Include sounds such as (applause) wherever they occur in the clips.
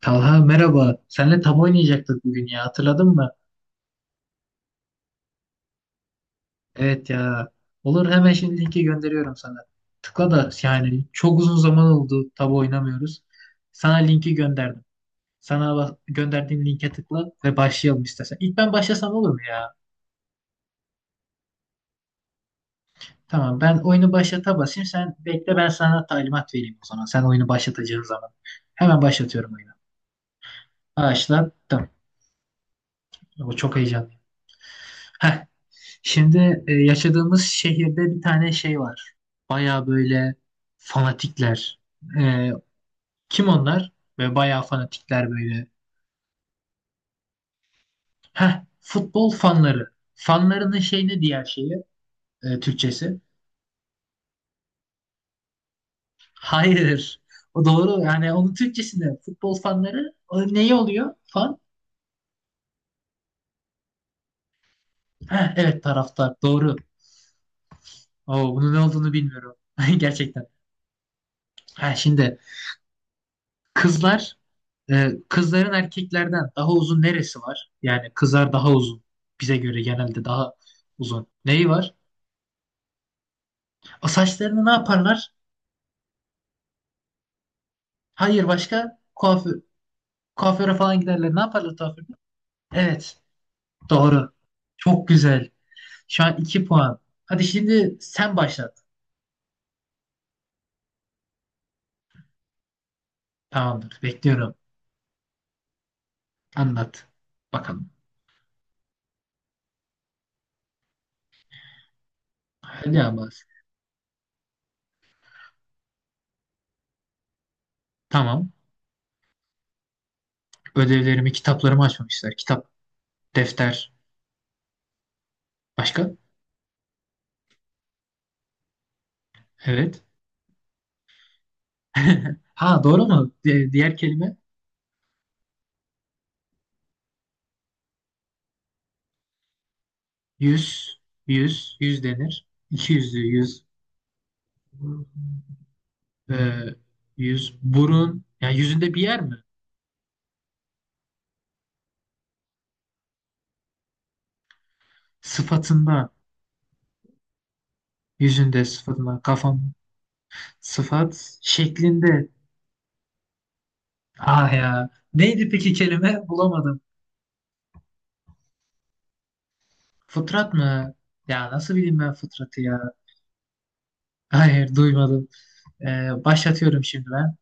Talha merhaba. Seninle tabu oynayacaktık bugün ya. Hatırladın mı? Evet ya. Olur hemen şimdi linki gönderiyorum sana. Tıkla da yani çok uzun zaman oldu tabu oynamıyoruz. Sana linki gönderdim. Sana gönderdiğim linke tıkla ve başlayalım istersen. İlk ben başlasam olur mu ya? Tamam ben oyunu başlata basayım. Sen bekle ben sana talimat vereyim o zaman. Sen oyunu başlatacağın zaman. Hemen başlatıyorum oyunu. Başlattım. O çok heyecanlı. Heh. Şimdi yaşadığımız şehirde bir tane şey var. Baya böyle fanatikler. E, Kim onlar? Ve baya fanatikler böyle. Heh, futbol fanları. Fanlarının şey ne diğer şeyi? Türkçesi. Hayır. O doğru. Yani onun Türkçesinde futbol fanları o neyi oluyor? Fan? Heh, evet taraftar. Doğru. Oo, bunun ne olduğunu bilmiyorum. (laughs) Gerçekten. Ha, şimdi kızlar, kızların erkeklerden daha uzun neresi var? Yani kızlar daha uzun. Bize göre genelde daha uzun. Neyi var? O saçlarını ne yaparlar? Hayır başka kuaför, kuaföre falan giderler. Ne yaparlar kuaförde? Evet, doğru. Çok güzel. Şu an 2 puan. Hadi şimdi sen başlat. Tamamdır, bekliyorum. Anlat. Bakalım. Hadi ama. Tamam. Ödevlerimi, kitaplarımı açmamışlar. Kitap, defter. Başka? Evet. (laughs) Ha, doğru mu? Diğer kelime yüz, yüz, yüz denir. İki yüzlü yüz, e, yüz, burun. Yani yüzünde bir yer mi? Sıfatında, yüzünde, sıfatında, kafam, sıfat, şeklinde. Ah ya. Neydi peki kelime? Bulamadım. Fıtrat mı? Ya nasıl bileyim ben fıtratı ya? Hayır, duymadım. E, Başlatıyorum şimdi ben.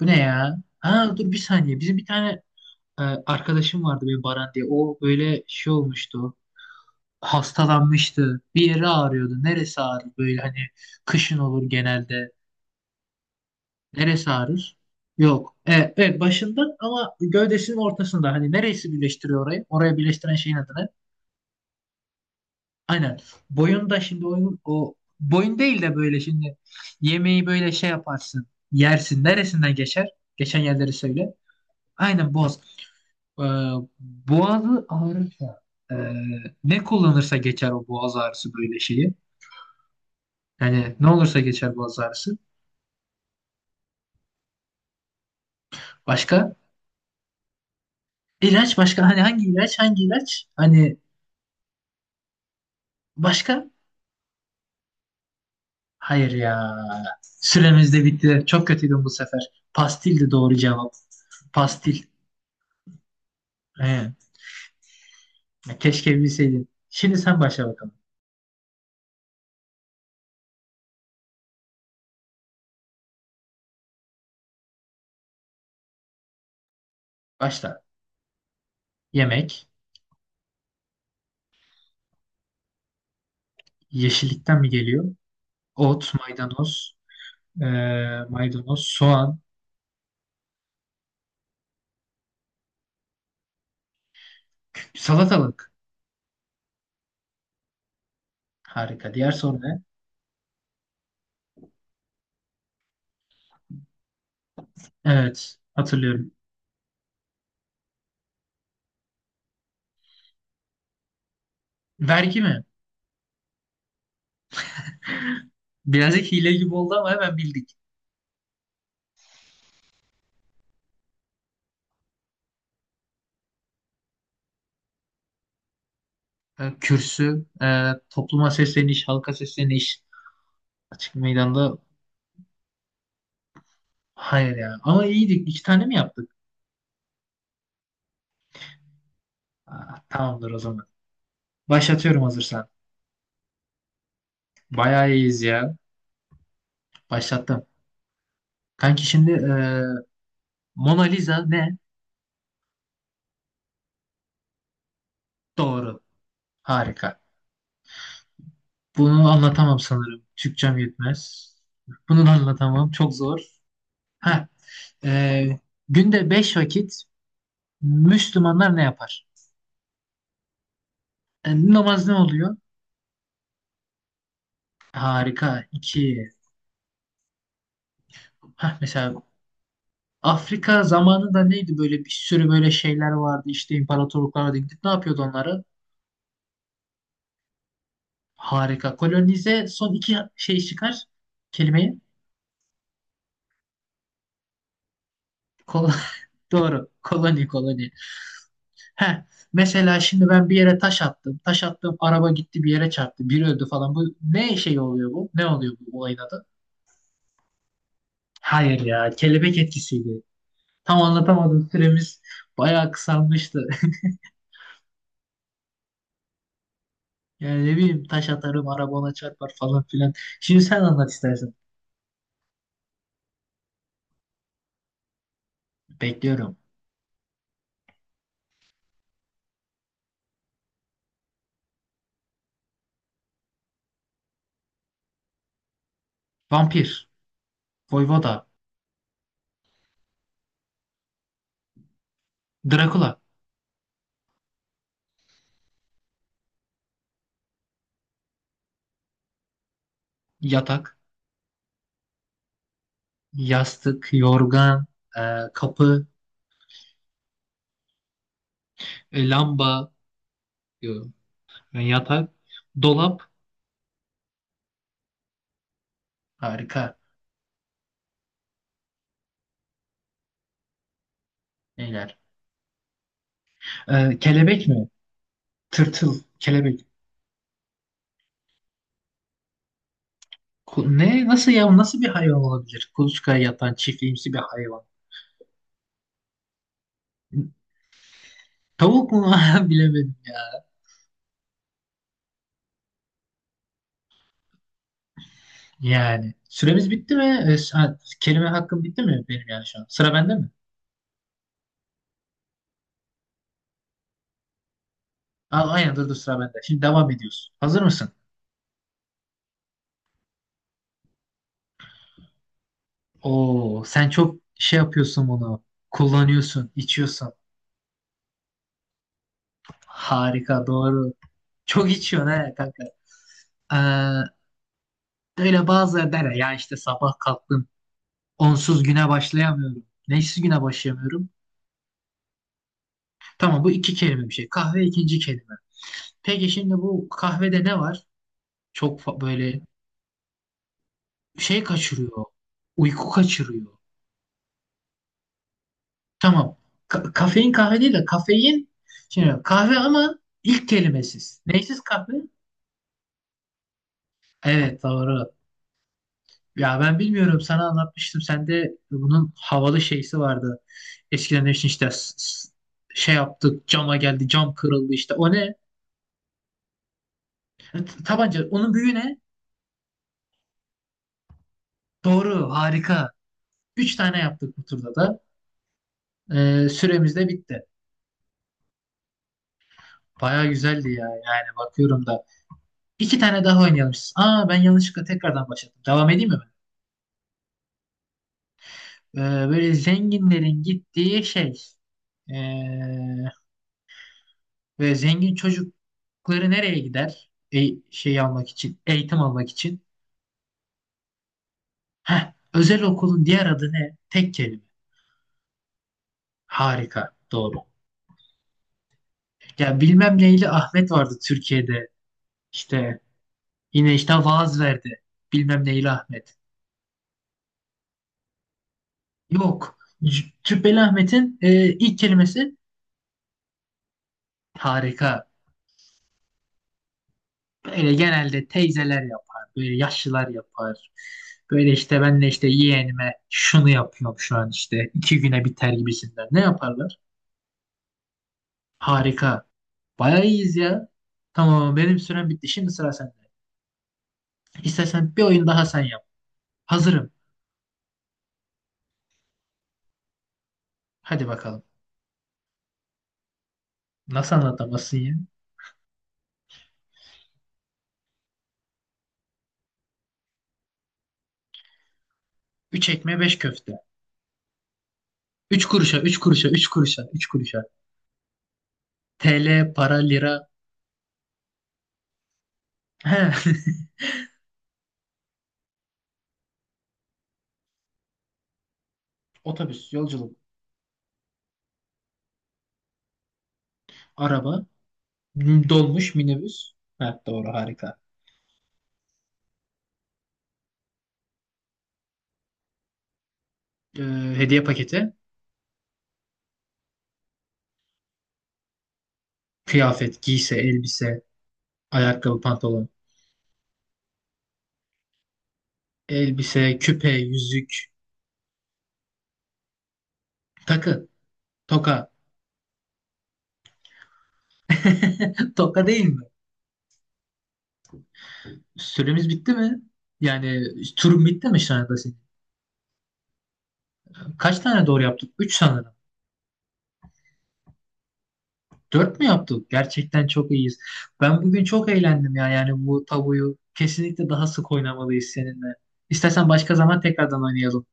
Bu ne ya? Ha dur bir saniye. Bizim bir tane arkadaşım vardı benim Baran diye. O böyle şey olmuştu. Hastalanmıştı. Bir yeri ağrıyordu. Neresi ağrır böyle hani kışın olur genelde. Neresi ağrır? Yok. Evet, evet başından ama gövdesinin ortasında. Hani neresi birleştiriyor orayı? Oraya birleştiren şeyin adı ne? Aynen. Boyunda şimdi oyun o boyun değil de böyle şimdi yemeği böyle şey yaparsın. Yersin. Neresinden geçer? Geçen yerleri söyle. Aynen boğaz. Ee, Boğazı ağrırsa ee, ne kullanırsa geçer o boğaz ağrısı böyle şeyi. Yani ne olursa geçer boğaz ağrısı. Başka? İlaç başka? Hani hangi ilaç? Hangi ilaç? Hani başka? Hayır ya. Süremiz de bitti. Çok kötüydüm bu sefer. Pastil de doğru cevap. Pastil. He. Keşke bilseydin. Şimdi sen başla bakalım. Başla. Yemek. Yeşillikten mi geliyor? Ot, maydanoz, e, maydanoz, soğan, salatalık. Harika. Diğer soru ne? Evet, hatırlıyorum. Vergi mi? (laughs) Birazcık hile gibi oldu ama hemen bildik. Kürsü, topluma sesleniş, halka sesleniş, açık meydanda. Hayır ya. Ama iyiydik. İki tane mi yaptık? Aa, tamamdır o zaman. Başlatıyorum hazırsan. Bayağı iyiyiz ya. Başlattım. Kanki şimdi Mona Lisa ne? Doğru. Harika. Bunu anlatamam sanırım. Türkçem yetmez. Bunu da anlatamam. Çok zor. Ha, e, günde beş vakit Müslümanlar ne yapar? Namaz ne oluyor? Harika. İki. Ha, mesela Afrika zamanında neydi böyle bir sürü böyle şeyler vardı işte imparatorluklar vardı. Gidip ne yapıyordu onları? Harika. Kolonize son iki şey çıkar. Kelimeyi. Kol. (laughs) Doğru. Koloni koloni. Heh. Mesela şimdi ben bir yere taş attım. Taş attım araba gitti bir yere çarptı. Biri öldü falan. Bu ne şey oluyor bu? Ne oluyor bu olayın adı? Hayır ya. Kelebek etkisiydi. Tam anlatamadım. Süremiz bayağı kısalmıştı. (laughs) Yani ne bileyim taş atarım araba ona çarpar falan filan. Şimdi sen anlat istersen. Bekliyorum. Vampir, voyvoda, Drakula, yatak, yastık, yorgan, e, kapı, lamba, diyorum. Ben yatak, dolap, harika neyler. Kelebek mi? Tırtıl, kelebek. Ne? Nasıl ya? Nasıl bir hayvan olabilir? Kuluçkaya yatan çiftliğimsi bir hayvan. Tavuk mu? (laughs) Bilemedim ya. Yani süremiz bitti mi? Ha, kelime hakkım bitti mi benim yani şu an? Sıra bende mi? Aa, aynen dur dur sıra bende. Şimdi devam ediyoruz. Hazır mısın? Oo, sen çok şey yapıyorsun bunu. Kullanıyorsun, içiyorsun. Harika, doğru. Çok içiyorsun he kanka. Ee, Öyle bazıları der ya, ya işte sabah kalktım. Onsuz güne başlayamıyorum. Neşsiz güne başlayamıyorum. Tamam bu iki kelime bir şey. Kahve ikinci kelime. Peki şimdi bu kahvede ne var? Çok böyle şey kaçırıyor. Uyku kaçırıyor. Tamam. Kafein kahve değil de kafein. Şimdi kahve ama ilk kelimesiz. Neysiz kahve? Evet doğru. Ya ben bilmiyorum sana anlatmıştım. Sende bunun havalı şeysi vardı. Eskiden demiştin işte şey yaptık cama geldi cam kırıldı işte. O ne? Tabanca. Onun büyüğü ne? Doğru harika. Üç tane yaptık bu turda da. Süremiz de bitti. Baya güzeldi ya yani bakıyorum da. İki tane daha oynayalım. Aa ben yanlışlıkla tekrardan başladım. Devam edeyim mi ben? Böyle zenginlerin gittiği şey. Ee, Ve zengin çocukları nereye gider? Şey almak için, eğitim almak için. Heh, özel okulun diğer adı ne? Tek kelime. Harika, doğru. Ya bilmem neyli Ahmet vardı Türkiye'de. İşte yine işte vaaz verdi. Bilmem neyli Ahmet. Yok. Cübbeli Ahmet'in ilk kelimesi harika. Böyle genelde teyzeler yapar. Böyle yaşlılar yapar. Böyle işte ben de işte yeğenime şunu yapıyorum şu an işte. 2 güne biter gibisinden. Ne yaparlar? Harika. Bayağı iyiyiz ya. Tamam benim sürem bitti. Şimdi sıra sende. İstersen bir oyun daha sen yap. Hazırım. Hadi bakalım. Nasıl anlatamazsın ya? Üç ekmeğe 5 köfte. 3 kuruşa, üç kuruşa, 3 kuruşa, 3 kuruşa. TL, para, lira. He. (laughs) Otobüs, yolculuk, araba, dolmuş, minibüs. Ha, doğru harika. Ee, Hediye paketi. Kıyafet, giysi, elbise, ayakkabı, pantolon. Elbise, küpe, yüzük, takı, toka. (laughs) Toka değil mi? Süremiz bitti mi? Yani turun bitti mi şu anda senin? Kaç tane doğru yaptık? 3 sanırım. 4 mü yaptık? Gerçekten çok iyiyiz. Ben bugün çok eğlendim ya. Yani bu tabuyu kesinlikle daha sık oynamalıyız seninle. İstersen başka zaman tekrardan oynayalım.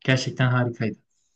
Gerçekten harikaydı.